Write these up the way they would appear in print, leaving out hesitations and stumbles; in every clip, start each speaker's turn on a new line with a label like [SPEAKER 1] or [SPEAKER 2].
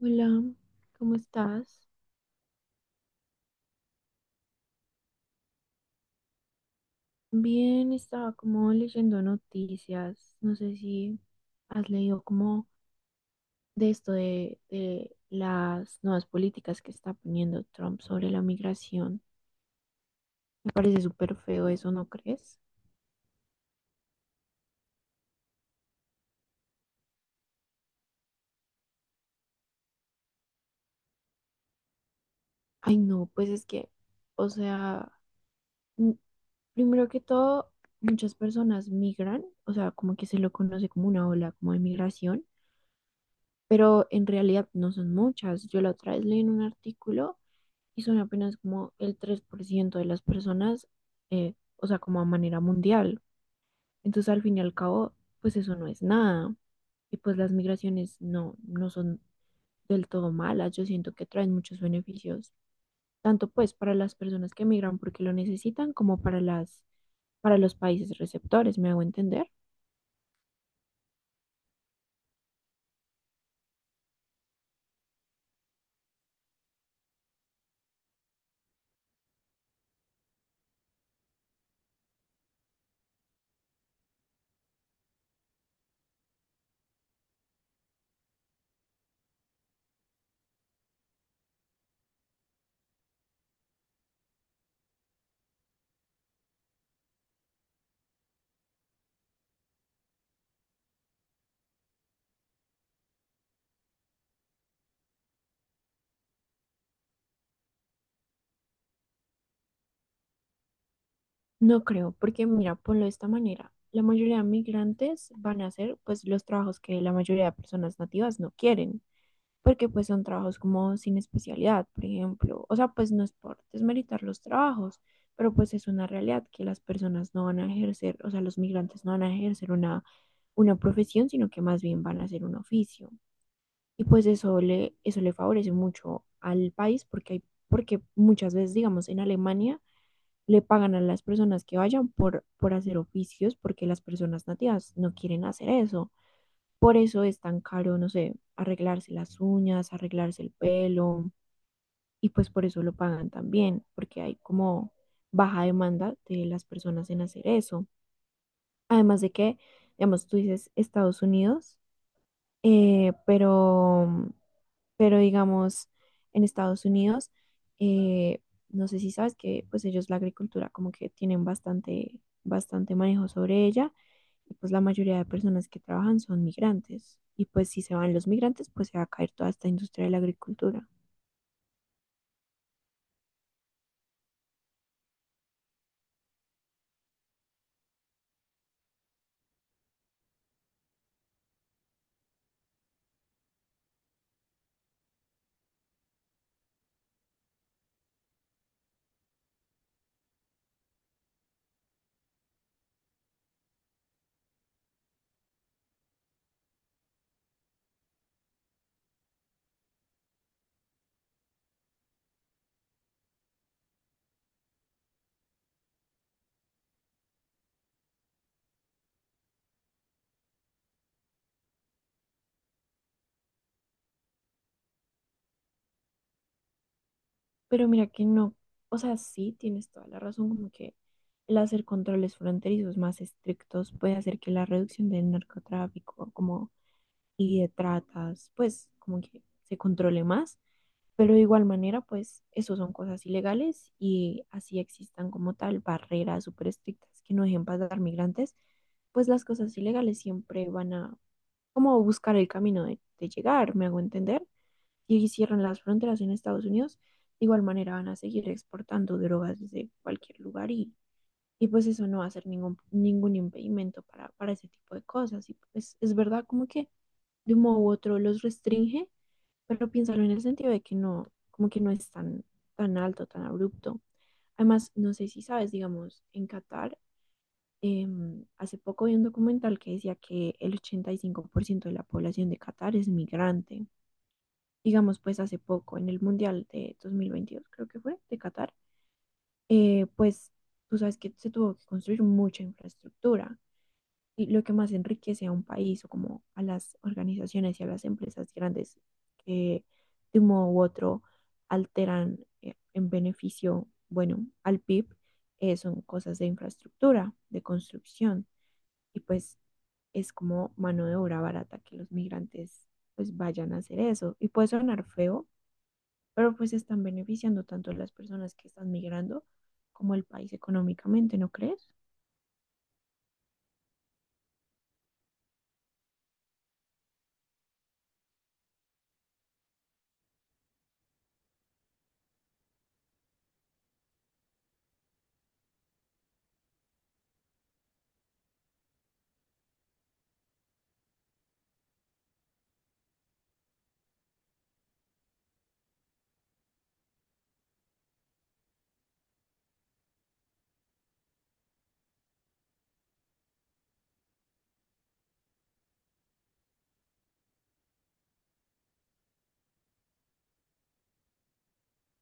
[SPEAKER 1] Hola, ¿cómo estás? Bien, estaba como leyendo noticias. No sé si has leído como de esto de las nuevas políticas que está poniendo Trump sobre la migración. Me parece súper feo eso, ¿no crees? Ay, no, pues es que, o sea, mm, primero que todo, muchas personas migran, o sea, como que se lo conoce como una ola como de migración, pero en realidad no son muchas. Yo la otra vez leí en un artículo y son apenas como el 3% de las personas, o sea, como a manera mundial. Entonces, al fin y al cabo, pues eso no es nada. Y pues las migraciones no son del todo malas. Yo siento que traen muchos beneficios, tanto pues para las personas que migran porque lo necesitan, como para para los países receptores, ¿me hago entender? No creo, porque mira, ponlo de esta manera. La mayoría de migrantes van a hacer pues los trabajos que la mayoría de personas nativas no quieren, porque pues son trabajos como sin especialidad, por ejemplo. O sea, pues no es por desmeritar los trabajos, pero pues es una realidad que las personas no van a ejercer, o sea, los migrantes no van a ejercer una profesión, sino que más bien van a hacer un oficio. Y pues eso le favorece mucho al país porque, hay, porque muchas veces, digamos, en Alemania le pagan a las personas que vayan por hacer oficios porque las personas nativas no quieren hacer eso. Por eso es tan caro, no sé, arreglarse las uñas, arreglarse el pelo, y pues por eso lo pagan también, porque hay como baja demanda de las personas en hacer eso. Además de que, digamos, tú dices Estados Unidos. Eh, pero, pero digamos, en Estados Unidos, eh, no sé si sabes que pues ellos la agricultura como que tienen bastante manejo sobre ella y pues la mayoría de personas que trabajan son migrantes, y pues si se van los migrantes pues se va a caer toda esta industria de la agricultura. Pero mira que no, o sea, sí tienes toda la razón como que el hacer controles fronterizos más estrictos puede hacer que la reducción del narcotráfico como y tratas, pues como que se controle más, pero de igual manera, pues eso son cosas ilegales y así existan como tal barreras súper estrictas que no dejen pasar migrantes, pues las cosas ilegales siempre van a como buscar el camino de llegar, me hago entender, y si cierran las fronteras en Estados Unidos, de igual manera van a seguir exportando drogas desde cualquier lugar y pues eso no va a ser ningún impedimento para ese tipo de cosas. Y pues es verdad como que de un modo u otro los restringe, pero piénsalo en el sentido de que no, como que no es tan alto, tan abrupto. Además, no sé si sabes, digamos, en Qatar, hace poco vi un documental que decía que el 85% de la población de Qatar es migrante. Digamos, pues hace poco, en el Mundial de 2022, creo que fue, de Qatar, pues tú sabes que se tuvo que construir mucha infraestructura, y lo que más enriquece a un país o como a las organizaciones y a las empresas grandes que de un modo u otro alteran en beneficio, bueno, al PIB, son cosas de infraestructura, de construcción y pues es como mano de obra barata que los migrantes pues vayan a hacer eso. Y puede sonar feo, pero pues están beneficiando tanto las personas que están migrando como el país económicamente, ¿no crees?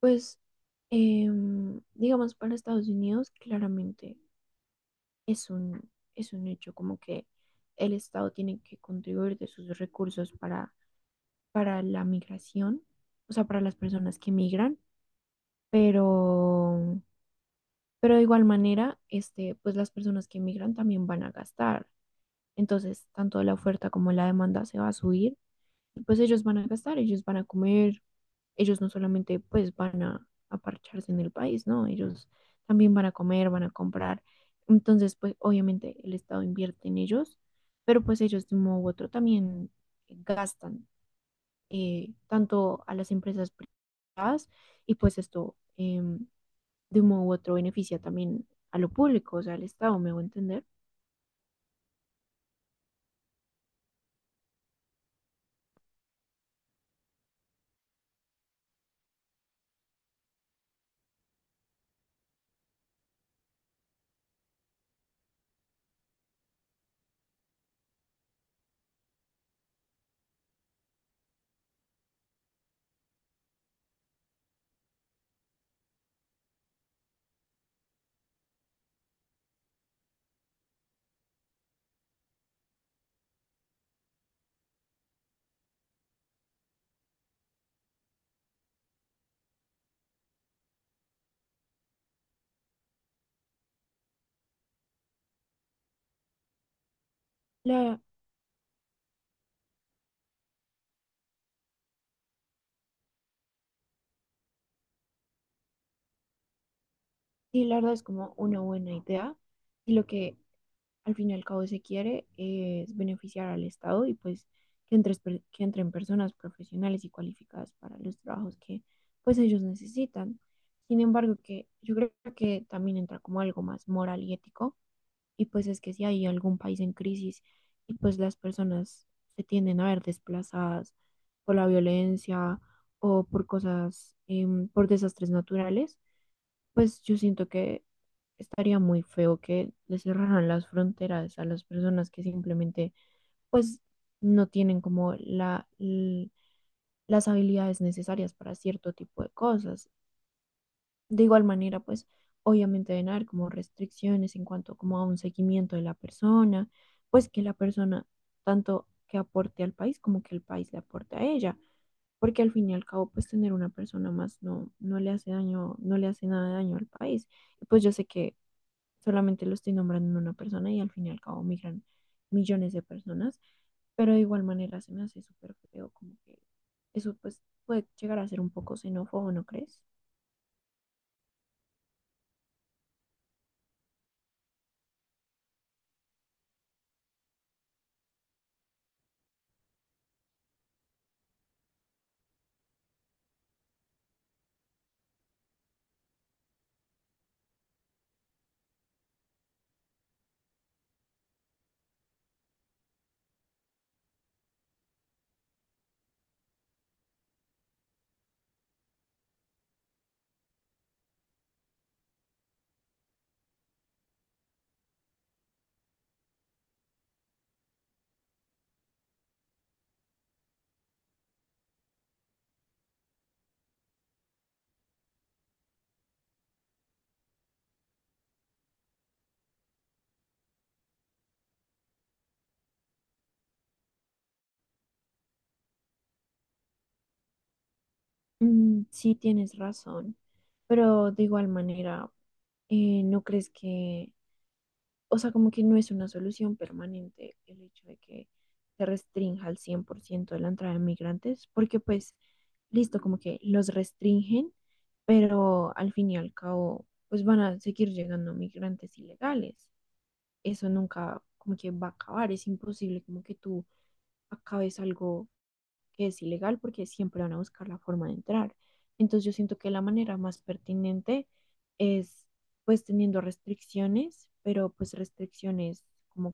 [SPEAKER 1] Pues, digamos, para Estados Unidos, claramente es un, es un hecho como que el Estado tiene que contribuir de sus recursos para la migración, o sea, para las personas que migran, pero, pero de igual manera, este, pues las personas que migran también van a gastar. Entonces, tanto la oferta como la demanda se va a subir, pues ellos van a gastar, ellos van a comer, ellos no solamente pues van a parcharse en el país, ¿no? Ellos también van a comer, van a comprar. Entonces, pues obviamente el Estado invierte en ellos, pero pues ellos de un modo u otro también gastan, tanto a las empresas privadas, y pues esto, de un modo u otro beneficia también a lo público, o sea, al Estado, me voy a entender. La, y la verdad es como una buena idea. Y lo que al fin y al cabo se quiere es beneficiar al Estado y pues que, entre, que entren personas profesionales y cualificadas para los trabajos que pues ellos necesitan. Sin embargo, que yo creo que también entra como algo más moral y ético y pues es que si hay algún país en crisis y pues las personas se tienden a ver desplazadas por la violencia o por cosas, por desastres naturales, pues yo siento que estaría muy feo que le cerraran las fronteras a las personas que simplemente, pues, no tienen como las habilidades necesarias para cierto tipo de cosas. De igual manera, pues, obviamente deben haber como restricciones en cuanto como a un seguimiento de la persona, pues que la persona tanto que aporte al país como que el país le aporte a ella, porque al fin y al cabo, pues, tener una persona más no le hace daño, no le hace nada de daño al país. Pues yo sé que solamente lo estoy nombrando en una persona y al fin y al cabo migran millones de personas, pero de igual manera se me hace súper feo, como que eso pues puede llegar a ser un poco xenófobo, ¿no crees? Mm, sí, tienes razón, pero de igual manera, ¿no crees que, o sea, como que no es una solución permanente el hecho de que se restrinja al 100% de la entrada de migrantes? Porque pues, listo, como que los restringen, pero al fin y al cabo, pues van a seguir llegando migrantes ilegales. Eso nunca como que va a acabar, es imposible como que tú acabes algo que es ilegal porque siempre van a buscar la forma de entrar. Entonces yo siento que la manera más pertinente es pues teniendo restricciones, pero pues restricciones como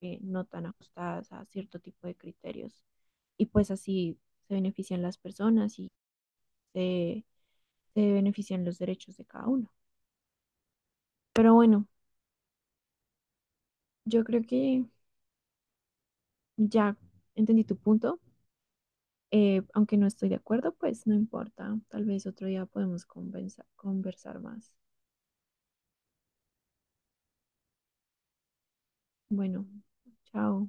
[SPEAKER 1] que no tan ajustadas a cierto tipo de criterios. Y pues así se benefician las personas y se, se benefician los derechos de cada uno. Pero bueno, yo creo que ya entendí tu punto. Aunque no estoy de acuerdo, pues no importa. Tal vez otro día podemos conversar más. Bueno, chao.